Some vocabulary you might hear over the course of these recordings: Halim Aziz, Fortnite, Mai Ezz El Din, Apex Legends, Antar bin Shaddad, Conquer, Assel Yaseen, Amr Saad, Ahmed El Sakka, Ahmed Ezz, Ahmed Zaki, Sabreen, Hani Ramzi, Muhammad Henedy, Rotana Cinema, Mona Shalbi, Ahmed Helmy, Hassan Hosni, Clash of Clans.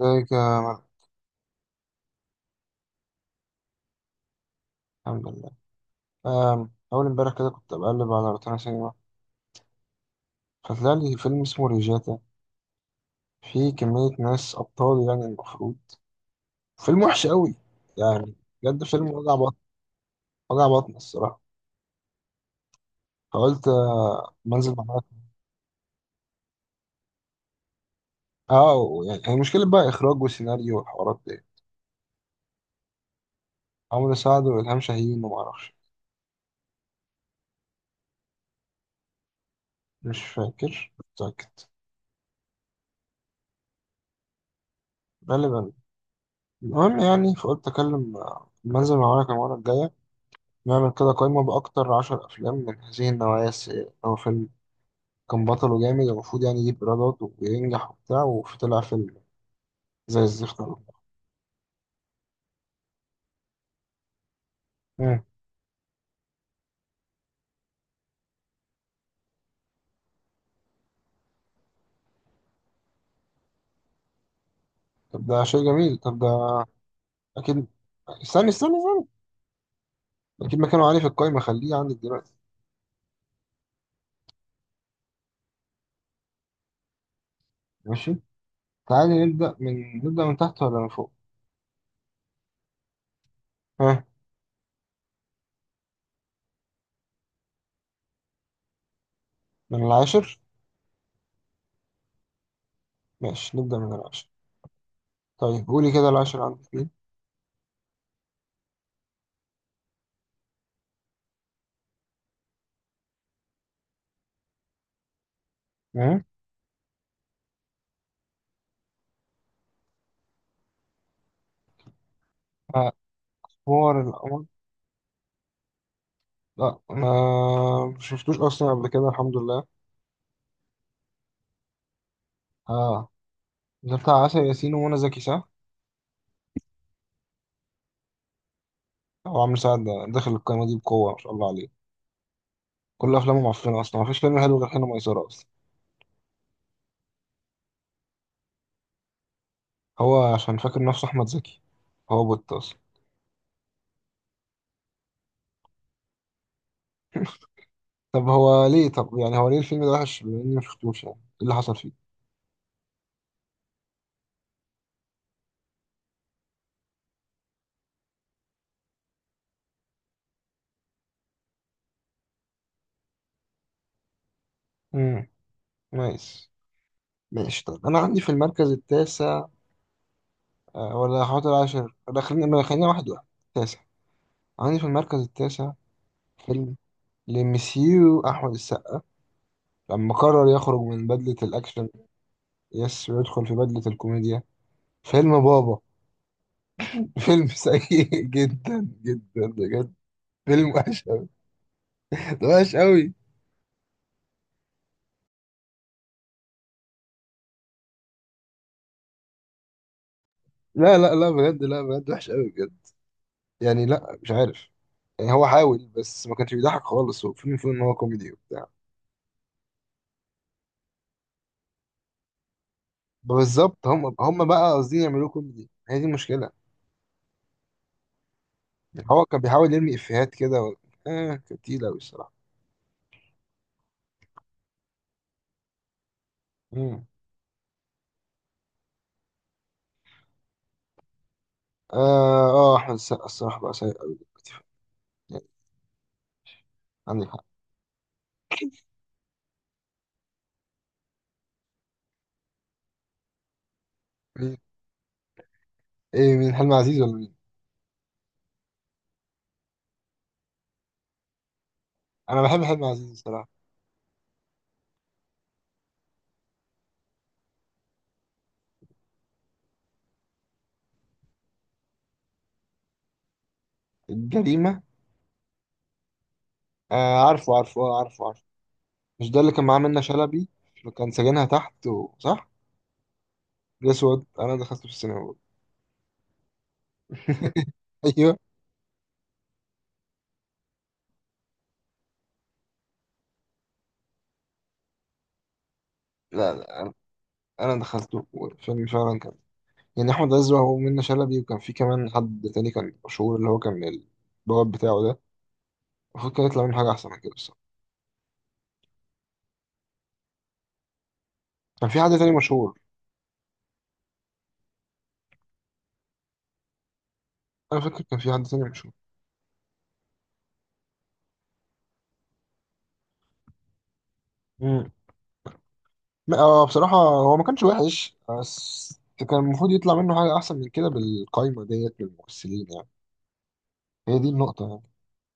ازيك الحمد لله. أول امبارح كده كنت بقلب على روتانا سينما، فطلع لي فيلم اسمه ريجاتا، فيه كمية ناس أبطال يعني المفروض. فيلم وحش قوي يعني، بجد فيلم وجع بطن. وجع بطن الصراحة. فقلت منزل معاك. اه يعني هي المشكلة بقى إخراج وسيناريو والحوارات دي. عمرو سعد وإلهام شاهين ومعرفش. مش فاكر. متأكد. غالبا. المهم يعني فقلت أكلم منزل معاك المرة الجاية. نعمل كده قايمة بأكتر 10 أفلام من هذه النوعية السيئة، أو فيلم كان بطل وجامد المفروض يعني يجيب ايرادات وينجح وبتاع، وفي طلع فيلم زي الزفت أوي. مم. طب ده شيء جميل. طب ده اكيد. استنى استنى استنى، اكيد مكانه عالي في القايمه، خليه عندك دلوقتي. ماشي. تعالي نبدا من تحت ولا من فوق؟ ها. من العاشر. ماشي نبدا من العاشر. طيب قولي كده العاشر عندك مين؟ مم. اخبار القمر. لا ما شفتوش اصلا قبل كده الحمد لله. اه ده بتاع عسل ياسين ومنى زكي صح؟ هو عامل سعد داخل القايمه دي بقوه ما شاء الله عليه. كل افلامه معفنه اصلا، مفيش فيلم حلو غير حين ميسره اصلا. هو عشان فاكر نفسه احمد زكي. هو بوت اصلا. طب يعني هو ليه الفيلم ده وحش، بما اني مشفتوش؟ يعني ايه اللي حصل فيه؟ امم نايس. ماشي طب انا عندي في المركز التاسع، ولا هحط العاشر؟ ولا خلينا ما خلينا واحد واحد. تاسع. عندي في المركز التاسع فيلم لمسيو احمد السقا لما قرر يخرج من بدلة الاكشن، يس، ويدخل في بدلة الكوميديا. فيلم بابا. فيلم سيء جدا جدا بجد. فيلم وحش، ده وحش قوي. لا لا لا، بجد، لا بجد وحش قوي بجد. يعني لا مش عارف. يعني هو حاول بس ما كانش بيضحك خالص، هو فيلم ان هو كوميدي وبتاع. بالظبط، هم بقى قاصدين يعملوه كوميدي، هي دي المشكله. يعني هو كان بيحاول يرمي افيهات كده و... كانت تقيله قوي الصراحه. مم. اه اه، احمد السقا الصراحه بقى سيء قوي دلوقتي يعني. عندك حق. مين؟ ايه مين؟ حلمي عزيز ولا مين؟ انا بحب حلمي عزيز الصراحه. الجريمه. آه عارفه عارفه، آه عارفه عارفه. مش ده اللي كان معاه منة شلبي، وكان سجنها تحت و... صح؟ الأسود أنا دخلته في السينما برضه. أيوه. لا لا، أنا دخلته والفيلم فعلا كان، يعني أحمد عز وهو منة شلبي، وكان في كمان حد تاني كان مشهور اللي هو كان البواب بتاعه ده. المفروض كان يطلع منه حاجة أحسن من كده بصراحة. كان في حد تاني مشهور. أنا فاكر كان في حد تاني مشهور. امم لا، بصراحة هو ما كانش وحش، بس كان المفروض يطلع منه حاجة أحسن من كده بالقايمة ديت من الممثلين يعني. هي دي النقطة يعني.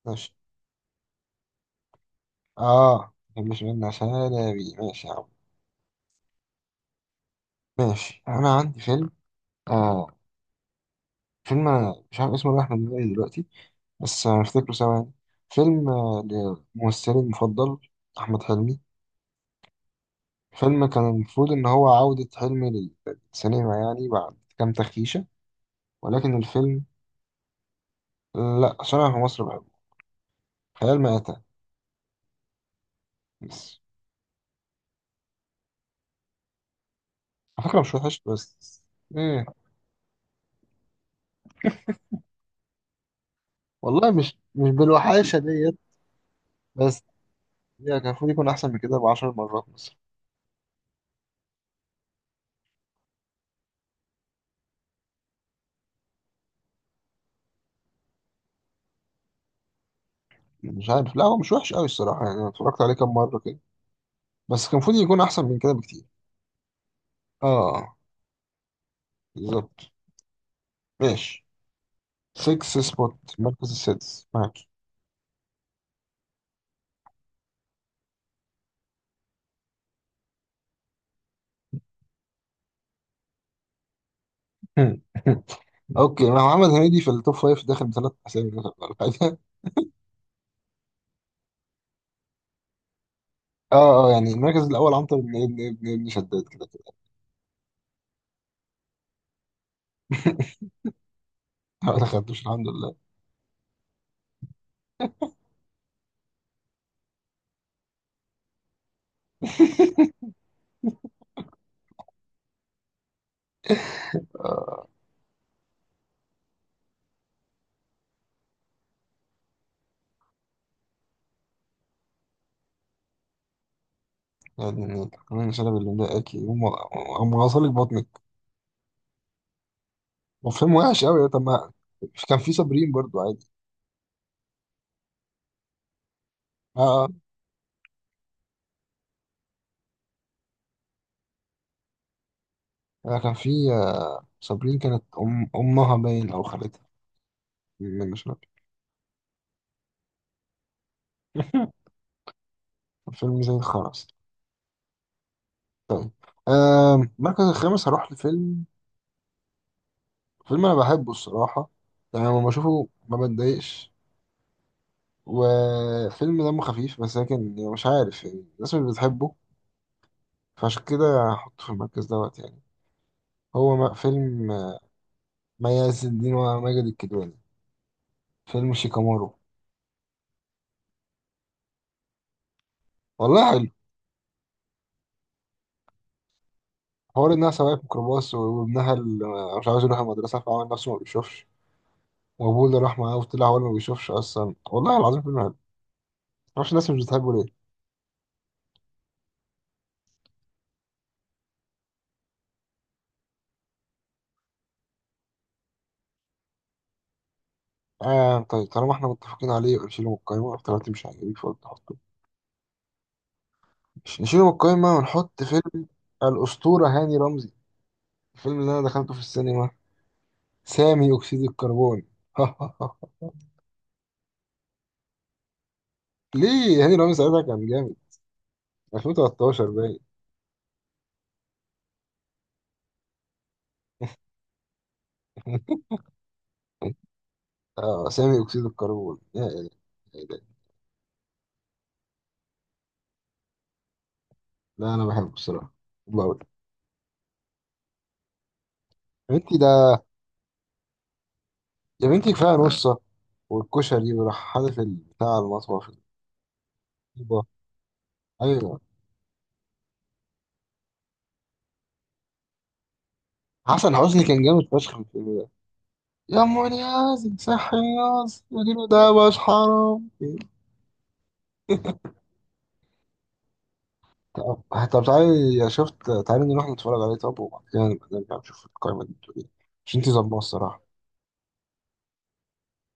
ماشي، مش منة شلبي، ماشي يا عم. ماشي. أنا عندي فيلم آه مش عارف اسمه، رايح من دماغي دلوقتي، بس هنفتكره سوا يعني. فيلم لممثلي المفضل أحمد حلمي. فيلم كان المفروض إن هو عودة حلمي للسينما، يعني بعد كام تخيشة. ولكن الفيلم، لأ عشان أنا في مصر بحبه، خيال مآتة بس. على فكرة مش وحش بس. إيه؟ والله مش بالوحاشة ديت. بس يعني كان المفروض يكون أحسن من كده ب10 مرات مثلا. مش عارف، لا هو مش وحش أوي الصراحة، يعني أنا اتفرجت عليه كام مرة كده، بس كان المفروض يكون أحسن من كده بكتير. آه بالظبط. ماشي. 6 سبوت، المركز السادس معاك. اوكي، ما هو محمد هنيدي في التوب فايف داخل بثلاث اسامي مثلاً ولا حاجه. اه اه يعني المركز الاول عنتر بن ابن ابن ابن شداد، كده كده. ما دخلتوش الحمد لله. يعني كمان شلب اللي مضايقاكي، هم غسل لك بطنك. وفيلم وحش قوي. طب ما كان في صابرين برضو عادي. اه اه، كان في صابرين كانت أم امها باين او خالتها، مش فاكر. فيلم زي الخرس. طيب. المركز الخامس هروح لفيلم. فيلم انا بحبه الصراحه، يعني لما بشوفه ما بتضايقش، وفيلم دمه خفيف بس، لكن يعني مش عارف يعني الناس مش بتحبه. فعشان كده هحطه في المركز دوت يعني. هو فيلم ما يعز الدين وماجد الكدواني، فيلم شيكامارو. والله حلو. حوار انها سواقة ميكروباص، وابنها اللي مش عاوز يروح المدرسه فعمل نفسه ما بيشوفش، وابوه اللي راح معاه وطلع هو اللي ما بيشوفش اصلا، والله العظيم فيلم حلو. معرفش الناس مش بتحبه ليه. طيب طالما احنا متفقين عليه يبقى نشيله من القايمه، طالما انت مش عاجبك فقلت مش نشيله من القايمة، ونحط فيلم الأسطورة هاني رمزي، الفيلم اللي أنا دخلته في السينما، سامي أكسيد الكربون. ليه هاني رمزي ساعتها كان جامد، 2013 باين. آه سامي أكسيد الكربون، يا إلهي. يا إلهي. لا أنا بحبه الصراحة، بحبه أوي. يا بنتي ده، يا بنتي كفاية نصة والكشري وراح حادف بتاع المطبخ الطيبة. أيوه. حسن حسني كان جامد فشخ في الفيلم ده. يا مولي يا زي صحي، يا زي، يا دينو ده. مش حرام. طب طب تعالي، يا شفت تعالي نروح نتفرج عليه، طب وبعد كده نبقى نرجع نشوف القايمة دي بتقول ايه. مش انتي ظلمة الصراحة.